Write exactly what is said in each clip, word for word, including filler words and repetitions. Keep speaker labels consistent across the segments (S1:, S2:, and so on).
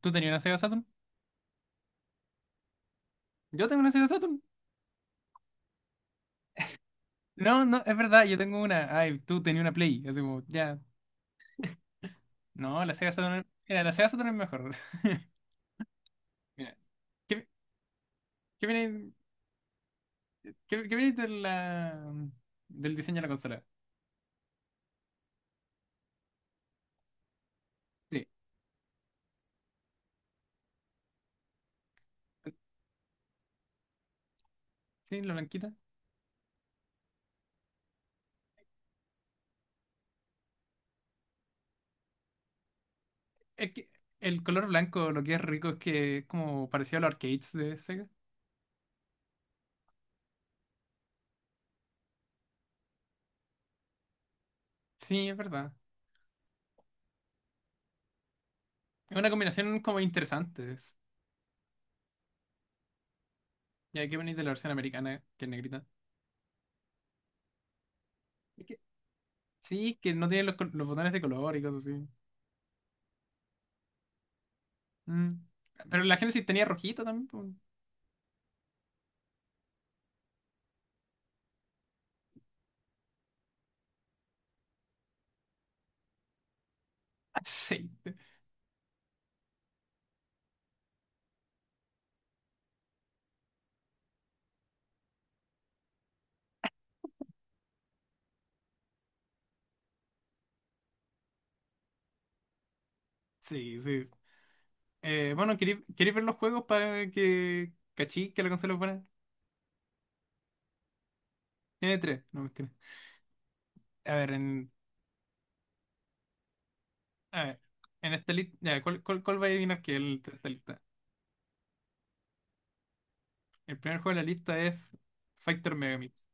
S1: ¿Tú tenías una Sega Saturn? Yo tengo una Sega Saturn. No, no, es verdad, yo tengo una. Ay, tú tenías una Play. Así como, ya. No, la Sega Saturn. Mira, la Sega Saturn es mejor. Mira, ¿qué, qué viene, qué, qué viene de la, del diseño de la consola? Sí, sí, la blanquita. Es que el color blanco lo que es rico es que es como parecido a los arcades de Sega. Sí, es verdad. Es una combinación como interesante. Es- Ya que venís de la versión americana, que es negrita. Es que- sí, que no tiene los, col- los botones de color y cosas así. Mm. Pero la Genesis tenía rojito también, pues. Aceite. Sí, sí. Eh, bueno, ¿queréis queréis ver los juegos para que cachí que la consola es buena? Tiene tres, no mentira. A ver, en, a ver, en esta lista. Ya, ¿cuál, cuál, cuál va a adivinar que es el de esta lista? El primer juego de la lista es Fighter Megamix.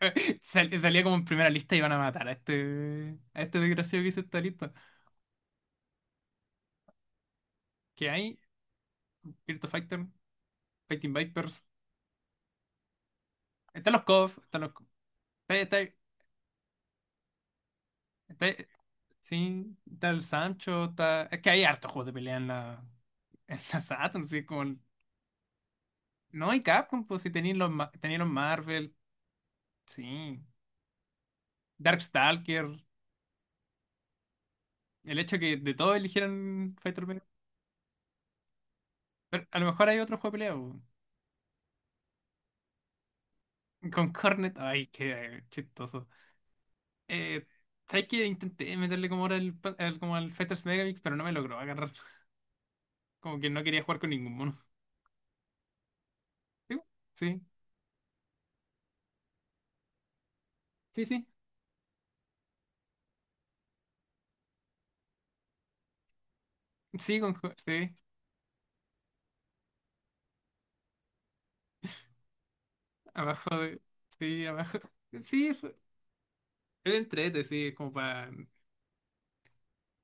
S1: Sal- salía como en primera lista y van a matar a este, a este desgraciado que hizo esta lista. Que hay Virtua Fighter, Fighting Vipers. Están los CoF, están los. está Está, está, Sí, está el Sancho, está... Es que hay hartos juegos de pelea en la, en la Saturn, sí, como... No hay Capcom, pues si tenéis los, ma- tenéis los Marvel, sí. Darkstalker, el hecho que de todo eligieran Fighter Pelea. Pero a lo mejor hay otro juego de pelea, po. Con Cornet, ay, qué chistoso. Eh, ¿Sabes que intenté meterle como ahora el, pa- al- como al Fighters Megamix, pero no me logró agarrar? Como que no quería jugar con ningún mono. Sí, sí, sí, sí, sí, con, jo- sí, abajo de... Sí, abajo. Sí, es entrete, sí, es como para...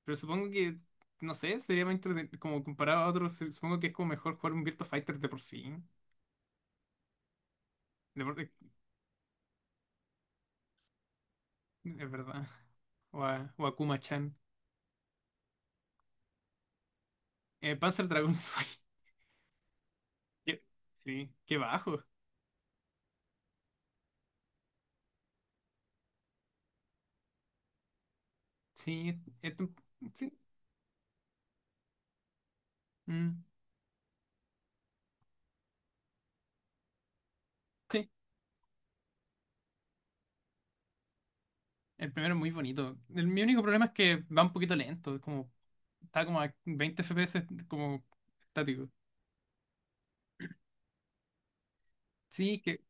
S1: Pero supongo que, no sé, sería más entrete- como comparado a otros, se- supongo que es como mejor jugar un Virtua Fighter de por sí. De por- Es verdad. O a, o a Kuma-chan. Eh, Panzer Dragon Sway. Qué- Sí, qué bajo. Sí, es un- sí, mm, sí, el primero es muy bonito. El- mi único problema es que va un poquito lento, es como... Está como a veinte F P S, como estático. Sí, que...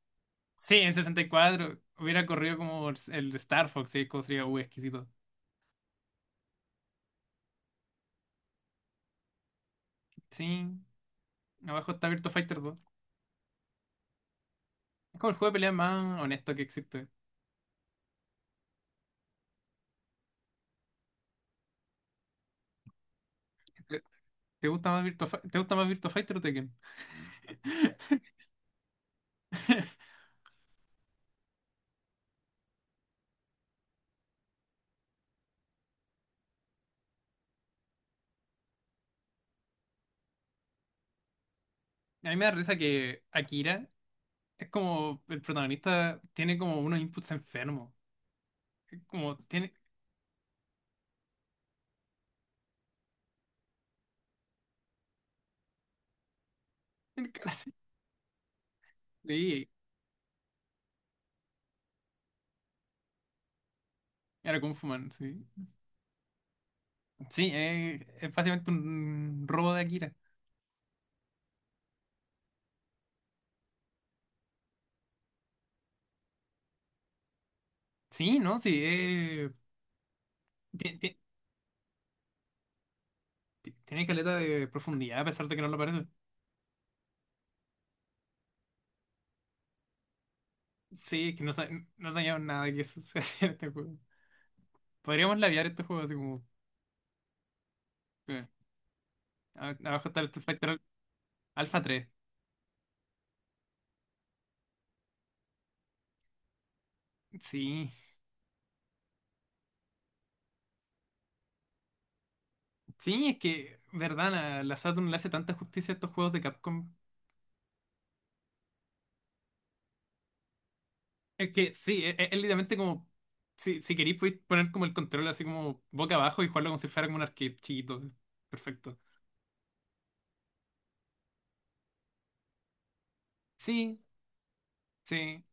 S1: Sí, en sesenta y cuatro hubiera corrido como el Star Fox, sí, como sería, uh, exquisito. Sí, abajo está Virtua Fighter dos. Es como el juego de pelea más honesto que existe. ¿Te te gusta más Virtua, Fi- ¿te gusta más Virtua Fighter o Tekken? A mí me da risa que Akira es como el protagonista tiene como unos inputs enfermos. Es Como tiene, tiene cara- Sí, era Kung Fu Man, sí. Sí, es, es básicamente un robo de Akira. Sí, ¿no? Sí, es- ti- ti- ti- tiene caleta de profundidad a pesar de que no lo parece. Sí, es que no, sa- no sabíamos nada que eso se hacía en este juego. Podríamos labiar estos juegos así como. eh, a- Abajo está el Street Fighter Al- Alpha tres. Sí. Sí, es que, verdad, la, la Saturn le hace tanta justicia a estos juegos de Capcom. Es que sí, es, es literalmente como. Si, si queréis, podéis poner como el control así como boca abajo y jugarlo como si fuera como un arcade chiquito. Perfecto. Sí, sí,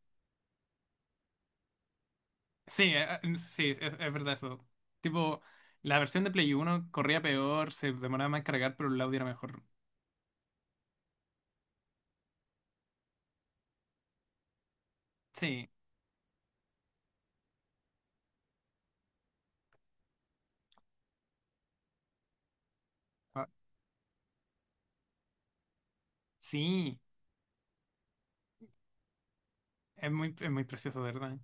S1: sí, eh, eh, sí, es, es verdad eso. Tipo, la versión de Play Uno corría peor, se demoraba más en cargar, pero el audio era mejor. Sí, ah, sí, es muy, es muy precioso, de verdad.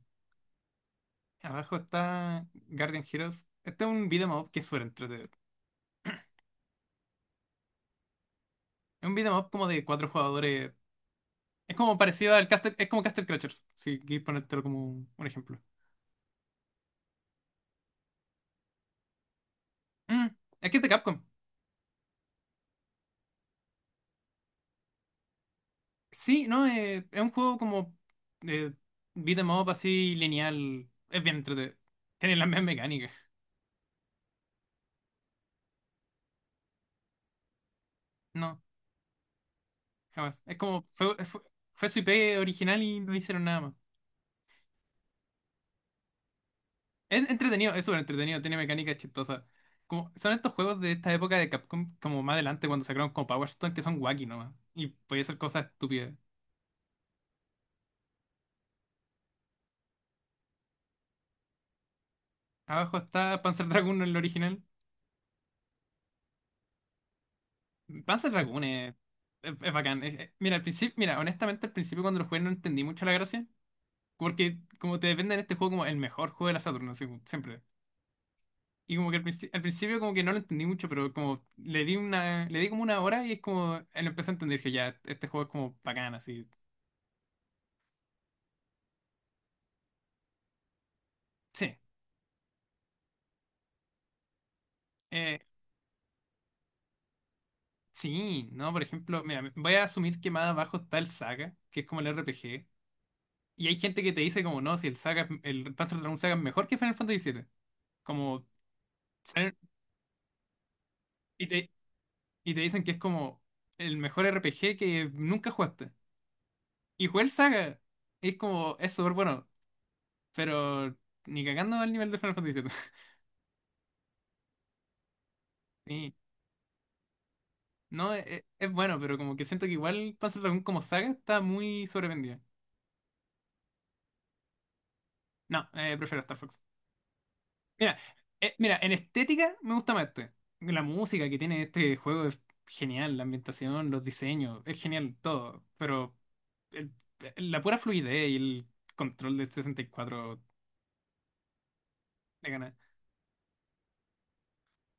S1: Abajo está Guardian Heroes. Este es un beat'em up que es súper entretenido. Es un beat'em up como de cuatro jugadores. Es como parecido al Castle, es como Castle Crashers, si quieres ponértelo como un, un ejemplo. Mm, es que es de Capcom. Sí, no, eh, es un juego como eh, beat'em up así lineal. Es bien entretenido. Tiene las mismas mecánicas. No, jamás. Es como fue, fue, fue su I P original y no hicieron nada más. Es entretenido, es súper entretenido, tiene mecánicas chistosas. Como, son estos juegos de esta época de Capcom, como más adelante cuando sacaron como Power Stone, que son wacky nomás. Y podía hacer cosas estúpidas. Abajo está Panzer Dragoon en el original. Panzer Dragoon es, es, es bacán. Es- es- mira, al principio, mira, honestamente al principio cuando lo jugué no entendí mucho la gracia. Porque como te depende en este juego como el mejor juego de la Saturn, así como siempre. Y como que al, princi- al principio como que no lo entendí mucho, pero como le di una, le di como una hora y es como, eh, lo empecé a entender que ya, este juego es como bacán, así. Sí. eh, Sí, no, por ejemplo, mira, voy a asumir que más abajo está el Saga, que es como el R P G, y hay gente que te dice como, no, si el Saga, es- el Panzer Dragoon Saga es mejor que Final Fantasy siete, como, salen- y te, y te dicen que es como el mejor R P G que nunca jugaste, y jugué el Saga, es como, es súper bueno, pero ni cagando al nivel de Final Fantasy siete. Sí, no, es, es bueno, pero como que siento que igual Panzer Dragoon como Saga está muy sobrevendido. No, eh, prefiero Star Fox. Mira, eh, mira, en estética me gusta más este. La música que tiene este juego es genial, la ambientación, los diseños, es genial todo, pero el- la pura fluidez y el control del sesenta y cuatro le gana.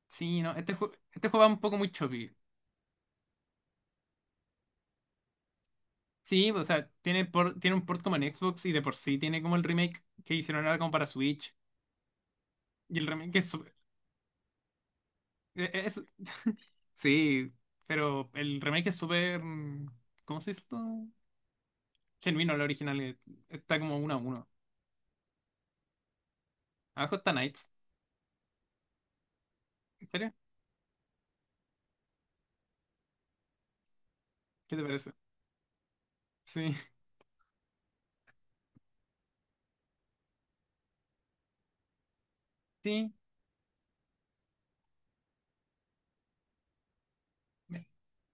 S1: Sí, no, este, juego, este juego va un poco muy choppy. Sí, o sea, tiene, por- tiene un port como en Xbox y de por sí tiene como el remake que hicieron ahora como para Switch. Y el remake es, su- e- es- sí, pero el remake es súper... mm, ¿Cómo se dice esto? Genuino la original. eh, Está como uno a uno. Abajo está Knights. ¿En serio? ¿Qué te parece? Sí, sí. me-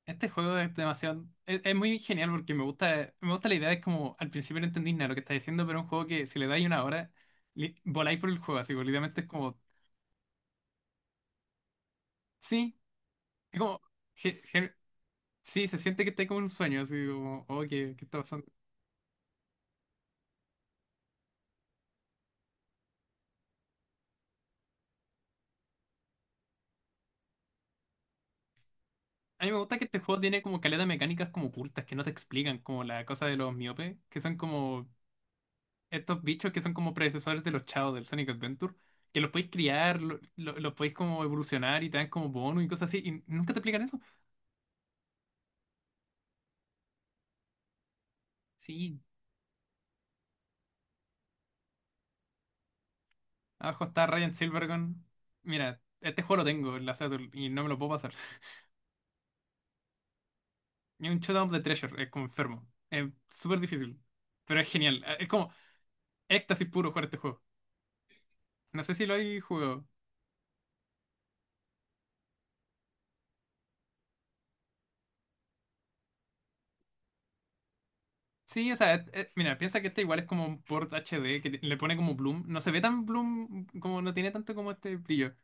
S1: Este juego es demasiado. Es, es muy genial porque me gusta, me gusta la idea. Es como al principio no entendís nada lo que estás diciendo, pero es un juego que si le dais una hora, li- voláis por el juego. Así, básicamente es como. Sí, es como. ge- ge- sí, se siente que estáis como en un sueño. Así como, oh, ¿qué, qué está pasando? A mí me gusta que este juego tiene como caleta de mecánicas como ocultas que no te explican, como la cosa de los miopes, que son como estos bichos que son como predecesores de los chavos del Sonic Adventure, que los podéis criar, lo- lo- los podéis como evolucionar y te dan como bonus y cosas así, y nunca te explican eso. Sí, abajo está Ryan Silvergun. Mira, este juego lo tengo en la Saturn y no me lo puedo pasar. Y un Showdown of the Treasure, es como enfermo. Es súper difícil, pero es genial. Es como éxtasis puro jugar este juego. No sé si lo hay jugado. Sí, o sea, eh, eh, mira, piensa que este igual es como un port H D que le pone como bloom. No se ve tan bloom, como no tiene tanto como este brillo.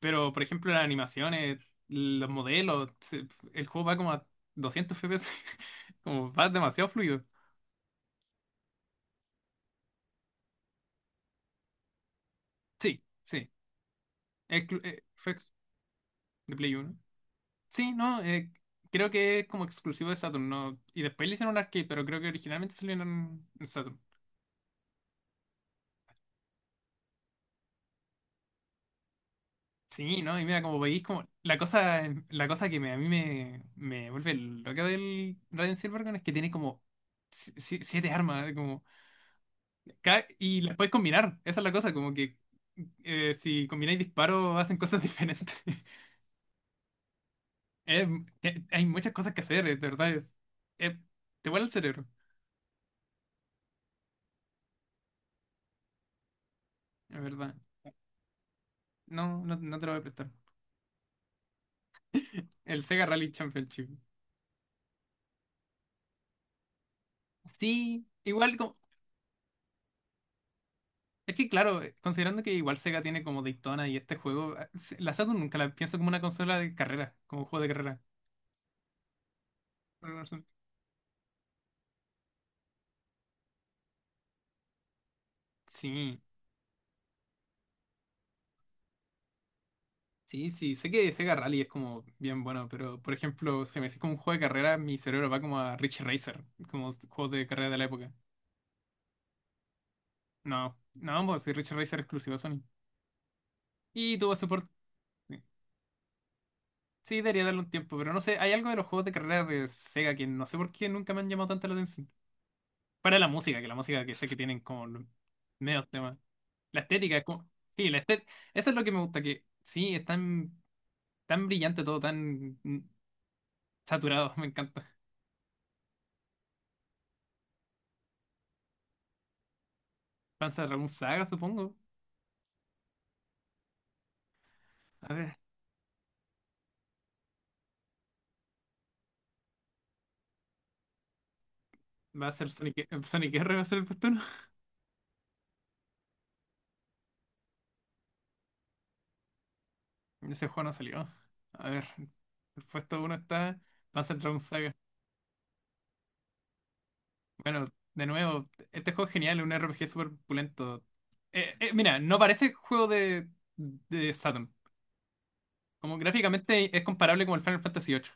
S1: Pero, por ejemplo, las animaciones, los modelos, se- el juego va como a doscientos F P S. Como va demasiado fluido. Sí, sí. Exclu- eh, fue ex- de Play uno. Sí, no, eh, creo que es como exclusivo de Saturn, ¿no? Y después le hicieron un arcade, pero creo que originalmente salió en en Saturn. Sí, ¿no? Y mira, como veis, como la cosa, em, la cosa que me- a mí me, me vuelve loca del Raiden Silvergun es que tiene como si- si- siete armas, ¿eh? Como ca- y las puedes combinar. Esa es la cosa, como que eh, si combináis disparos hacen cosas diferentes. Eh, te- Hay muchas cosas que hacer, es de verdad. es- eh, Te vuela el cerebro, es verdad. No, no, no te lo voy a prestar. El Sega Rally Championship. Sí, igual es que claro, eh, considerando que igual Sega tiene como Daytona y este juego, eh, se- la Saturn nunca la pienso como una consola de carrera, como un juego de carrera. Por alguna razón. Sí, sí, sí, sé que Sega Rally es como bien bueno, pero por ejemplo, si me decís como un juego de carrera, mi cerebro va como a Rich Racer, como s- juegos de carrera de la época. No, no, pues si Rich Racer es exclusivo a Sony. Y tuvo soporte. Sí, sí, debería darle un tiempo, pero no sé, hay algo de los juegos de carrera de Sega que no sé por qué nunca me han llamado tanto la atención. Para la música, que la música que sé que tienen como los medios temas. La estética es como. Sí, la estética. Eso es lo que me gusta, que sí, es tan, tan brillante todo, tan mm, saturado. Me encanta. Van a un Saga, supongo. A ver, va a ser Sonic, eh, Sonic R, va a ser el puesto uno. Ese juego no salió. A ver, el puesto uno está Panzer Dragoon Saga. Bueno, de nuevo, este juego es genial, es un R P G súper pulento. Eh, eh, mira, no parece juego de, de Saturn. Como gráficamente es comparable como el Final Fantasy ocho.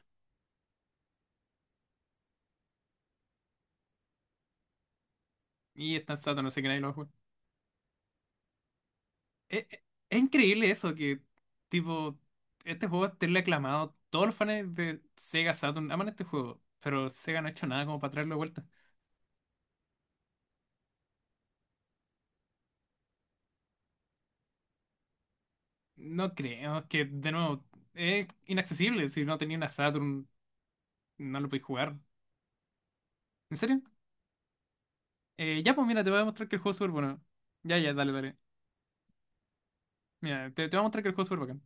S1: Y está en Saturn, no sé qué nadie lo va a jugar. Es, es- es increíble eso, que tipo, este juego esté aclamado. Todos los fans de Sega Saturn aman este juego, pero Sega no ha hecho nada como para traerlo de vuelta. No creo, que de nuevo, es inaccesible. Si no tenía una Saturn, no lo podéis jugar. ¿En serio? Eh, ya, pues mira, te voy a mostrar que el juego es súper bueno. Ya, ya, dale, dale. Mira, te, te voy a mostrar que el juego es súper bacán.